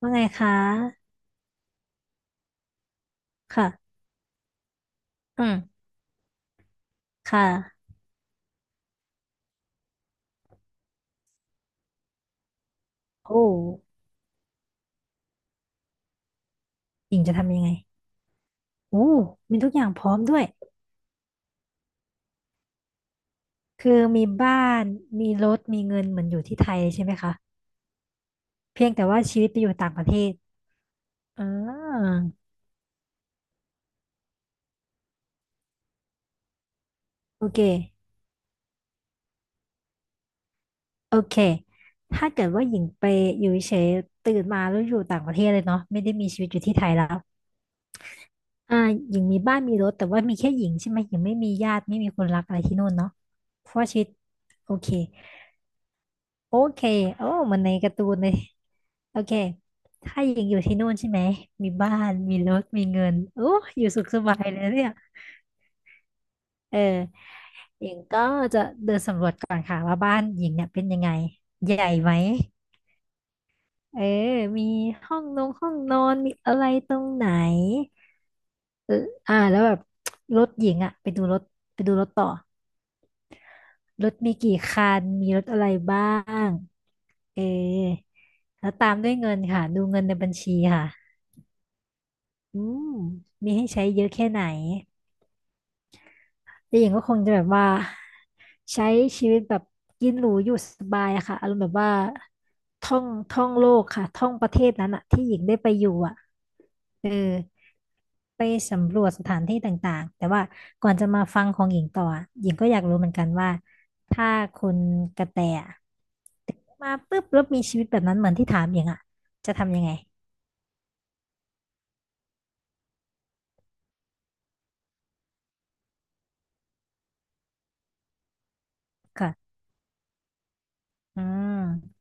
ว่าไงคะค่ะอืมค่ะโอ้หญิงจะทำยังไงโอ้มีทุกอย่างพร้อมด้วย คือมีบ้าน มีรถมีเงินเหมือนอยู่ที่ไทยใช่ไหมคะเพียงแต่ว่าชีวิตไปอยู่ต่างประเทศอ่าโอเคโอเค ถ้าเกิดว่าหญิงไปอยู่เฉยๆตื่นมาแล้วอยู่ต่างประเทศเลยเนาะไม่ได้มีชีวิตอยู่ที่ไทยแล้วอ่าหญิงมีบ้านมีรถแต่ว่ามีแค่หญิงใช่ไหมหญิงไม่มีญาติไม่มีคนรักอะไรที่นู่นเนาะเพราะว่าชีวิตโอเค โอเคโอ้มันในการ์ตูนเลยโอเค ถ้าหญิงอยู่ที่นู่นใช่ไหมมีบ้าน มีรถมีเงินโอ้อยู่สุขสบายเลยเนี่ยเออหญิงก็จะเดินสำรวจก่อนค่ะว่าบ้านหญิงเนี่ยเป็นยังไง ใหญ่ไหมเออมีห้องนอนมีอะไรตรงไหนเอออ่าแล้วแบบรถหญิงอะไปดูรถไปดูรถต่อรถมีกี่คันมีรถอะไรบ้างเออแล้วตามด้วยเงินค่ะดูเงินในบัญชีค่ะ อืมมีให้ใช้เยอะแค่ไหนแต่หญิงก็คงจะแบบว่าใช้ชีวิตแบบกินหรูอยู่สบายอะค่ะอารมณ์แบบว่าท่องโลกค่ะท่องประเทศนั้นอะที่หญิงได้ไปอยู่อะเออไปสำรวจสถานที่ต่างๆแต่ว่าก่อนจะมาฟังของหญิงต่ออะหญิงก็อยากรู้เหมือนกันว่าถ้าคุณกระแตอะมาปุ๊บแล้วมีชีวิตแบบนั้นเหมือนที่ถามหญิงอะจะทำยังไงค่ะอืม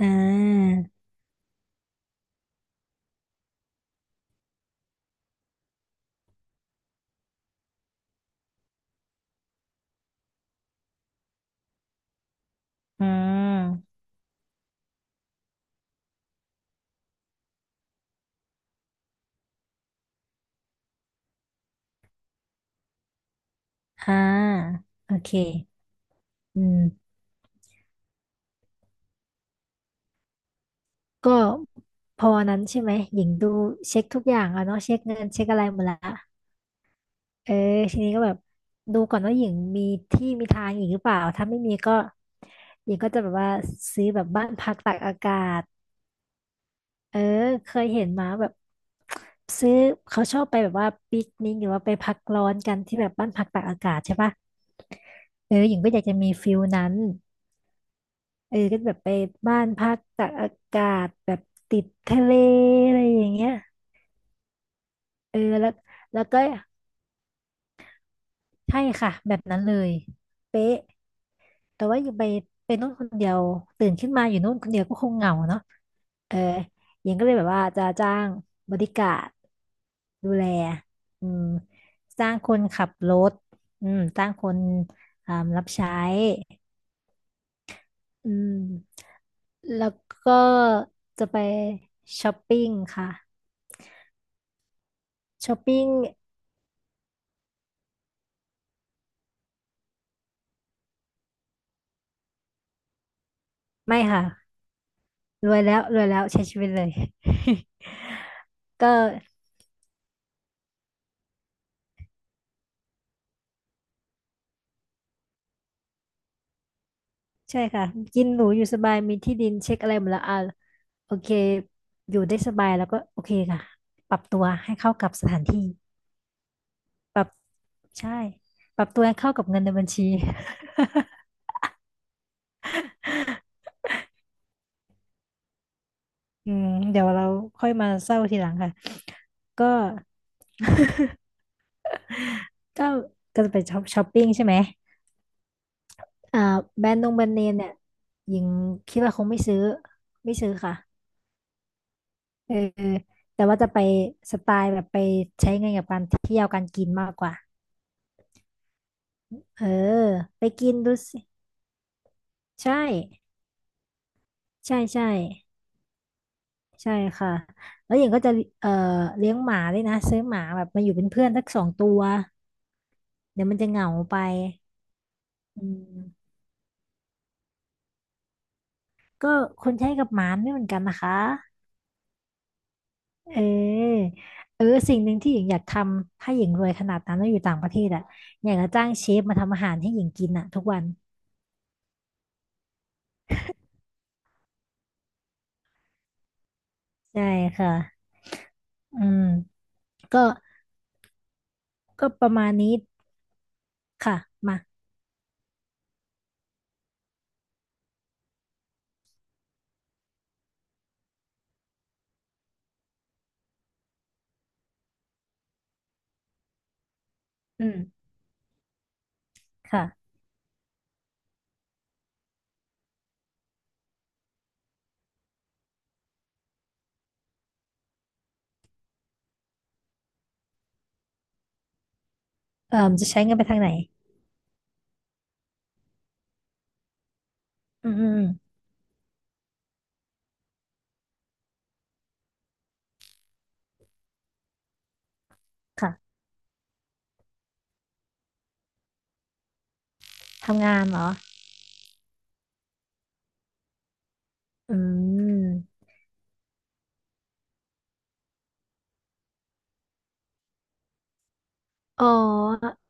อ่าอืม อ่าโอเคอืมก็พอวันนั้นใช่ไหมหญิงดูเช็คทุกอย่างอะเนาะเช็คเงินเช็คอะไรหมดละเออทีนี้ก็แบบดูก่อนว่าหญิงมีที่มีทางหญิงหรือเปล่าถ้าไม่มีก็หญิงก็จะแบบว่าซื้อแบบบ้านพักตากอากาศเออเคยเห็นมาแบบซื้อเขาชอบไปแบบว่าปิกนิกหรือว่าไปพักร้อนกันที่แบบบ้านพักตากอากาศใช่ปะเออหญิงก็อยากจะมีฟิลนั้น เออก็แบบไปบ้านพักตากอากาศแบบติดทะเลอะไรอย่างเงี้ยเออแล้วก็ใช่ค่ะแบบนั้นเลยเป๊ะแต่ว่าอยู่ไปนู่นคนเดียวตื่นขึ้นมาอยู่นู่นคนเดียวก็คงเหงาเนาะเออหญิงก็เลยแบบว่าจะจ้างบริการดดูแลอืมจ้างคนขับรถอืมจ้างคนอ่ารับใช้อืมแล้วก็จะไปช้อปปิ้งค่ะ ช้อปปิ้งไม่ค่ะรวยแล้วรวยแล้วใช้ชีวิตเลย ก็ใช่ค่ะกินหรูอยู่สบายมีที่ดินเช็คอะไรหมดแล้วอ่ะโอเคอยู่ได้สบายแล้วก็โอเคค่ะปรับตัวให้เข้ากับสถานที่ปรับใช่ปรับตัวให้เข้ากับเงินในบัญชี อืมเดี๋ยวเราค่อยมาเศร้าทีหลังค่ะก็ ก็ก็จะไปช้อปปิ้งใช่ไหมอ่าแบรนด์เนมเนี่ยหญิงคิดว่าคงไม่ซื้อไม่ซื้อค่ะ เออแต่ว่าจะไปสไตล์แบบไปใช้เงินกับการเที่ยวการกินมากกว่าเออไปกินดูสิใช่ใช่ใช่ใช่ค่ะแล้วหญิงก็จะเอ่อเลี้ยงหมาด้วยนะซื้อหมาแบบมาอยู่เป็นเพื่อนสักสองตัวเดี๋ยวมันจะเหงาไปอืมก็คนใช้กับหมาไม่เหมือนกันนะคะเออเออสิ่งหนึ่งที่หญิงอยากทำถ้าหญิงรวยขนาดนั้นแล้วอยู่ต่างประเทศอ่ะอยากจะจ้างเชฟมาทำอาหารให้หญิงกินอ่ะทุกวันใช่ค่ะ อืมก็ก็ประมาณนี้ค่ะมาอืมค่ะเอ่อจะใช้เงินไปทางไหนอืมอืมอืมค่ะทำงานเหรออืมอ๋อ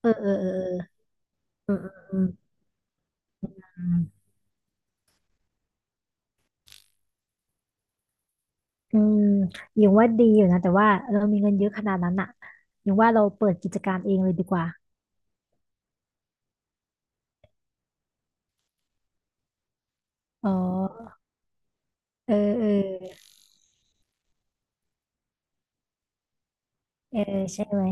เออเออเออเอออืมอืมอืมอืมอมอยังว่าดีอยู่นะ แต่ว่าเรามีเงินเยอะขนาดนั้นอะอยังว่าเราเปิดกิจการเองเลยดีกว่าอ๋อเออเออเออใช่ไหม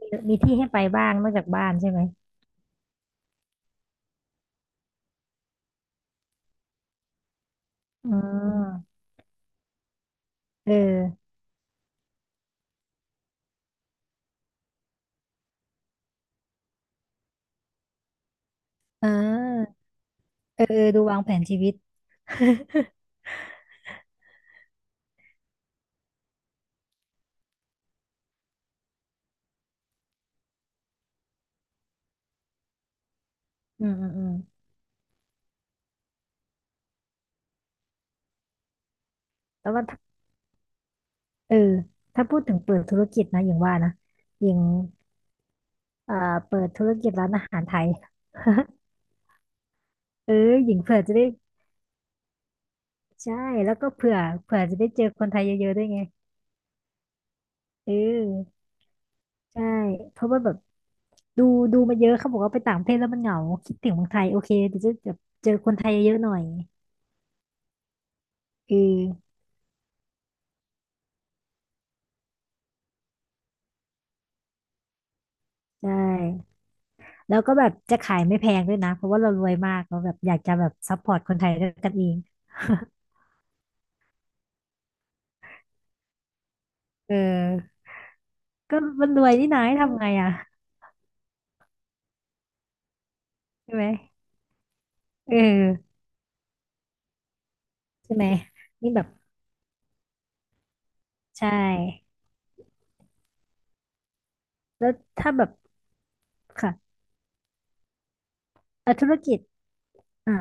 มีที่ให้ไปบ้างนอกจากบ้านใช่ไหมอืมเออเออเออเออดูวางแผนชีวิต อืมอืมอืมแต่ว่าถ้าเออถ้าพูดถึงเปิดธุรกิจนะหญิงว่านะหญิงเอ่อเปิดธุรกิจร้านอาหารไทยเออหญิงเผื่อจะได้ใช่แล้วก็เผื่อจะได้เจอคนไทยเยอะๆด้วยไงเออใช่เพราะว่าแบบดูดูมาเยอะเขาบอกว่าไปต่างประเทศแล้วมันเหงาคิดถึงเมืองไทยโอเคเดี๋ยวจะแบบเจอคนไทยเยอะๆหน่อยเออใช่แล้วก็แบบจะขายไม่แพงด้วยนะเพราะว่าเรารวยมากเราแบบอยากจะแบบซัพพอร์ตคนไทยด้วยกันเองเออก็มันรวยนี่นายทำไงอ่ะใช่ไหม เออใช่ไหมนี่แบบใช่แล้วถ้าแบบค่ะเอ่อธุรกิจอ่า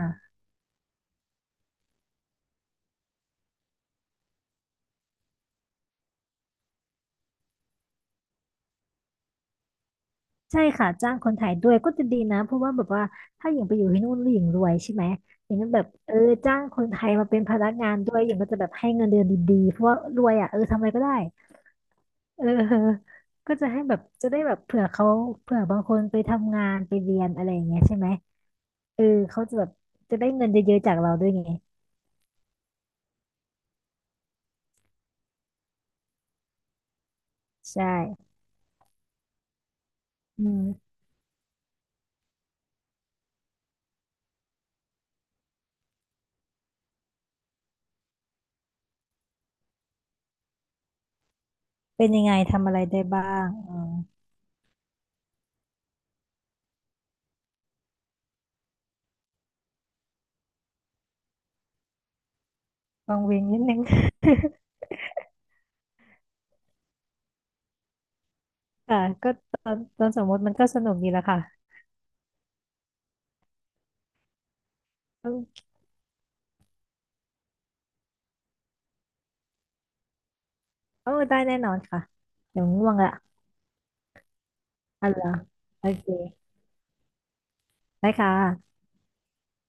ใช่ค่ะจ้างคนไทยด้วยก็จะดีนะเพราะว่าแบบว่าถ้าหญิงไปอยู่ที่นู่นแล้วหญิงรวยใช่ไหมอย่างนั้นแบบเออจ้างคนไทยมาเป็นพนักงานด้วยหญิงก็จะแบบให้เงินเดือนดีๆเพราะว่ารวยอ่ะเออทำอะไรก็ได้เออก็จะให้แบบจะได้แบบเผื่อเขาเผื่อบางคนไปทำงานไปเรียนอะไรอย่างเงี้ยใช่ไหมเออเขาจะแบบจะได้เงินเยอะๆจากเราด้วยไงใช่อืมเป็นยังไงทำอะไรได้บ้าง วังเวงนิดนึง ค่ะ ก็ตอนสมมติมันก็สนุกดีละค่ะเออเออได้แน่นอนค่ะเดี๋ยวง่วงละอ่ะเหรอโอเคได้ค่ะ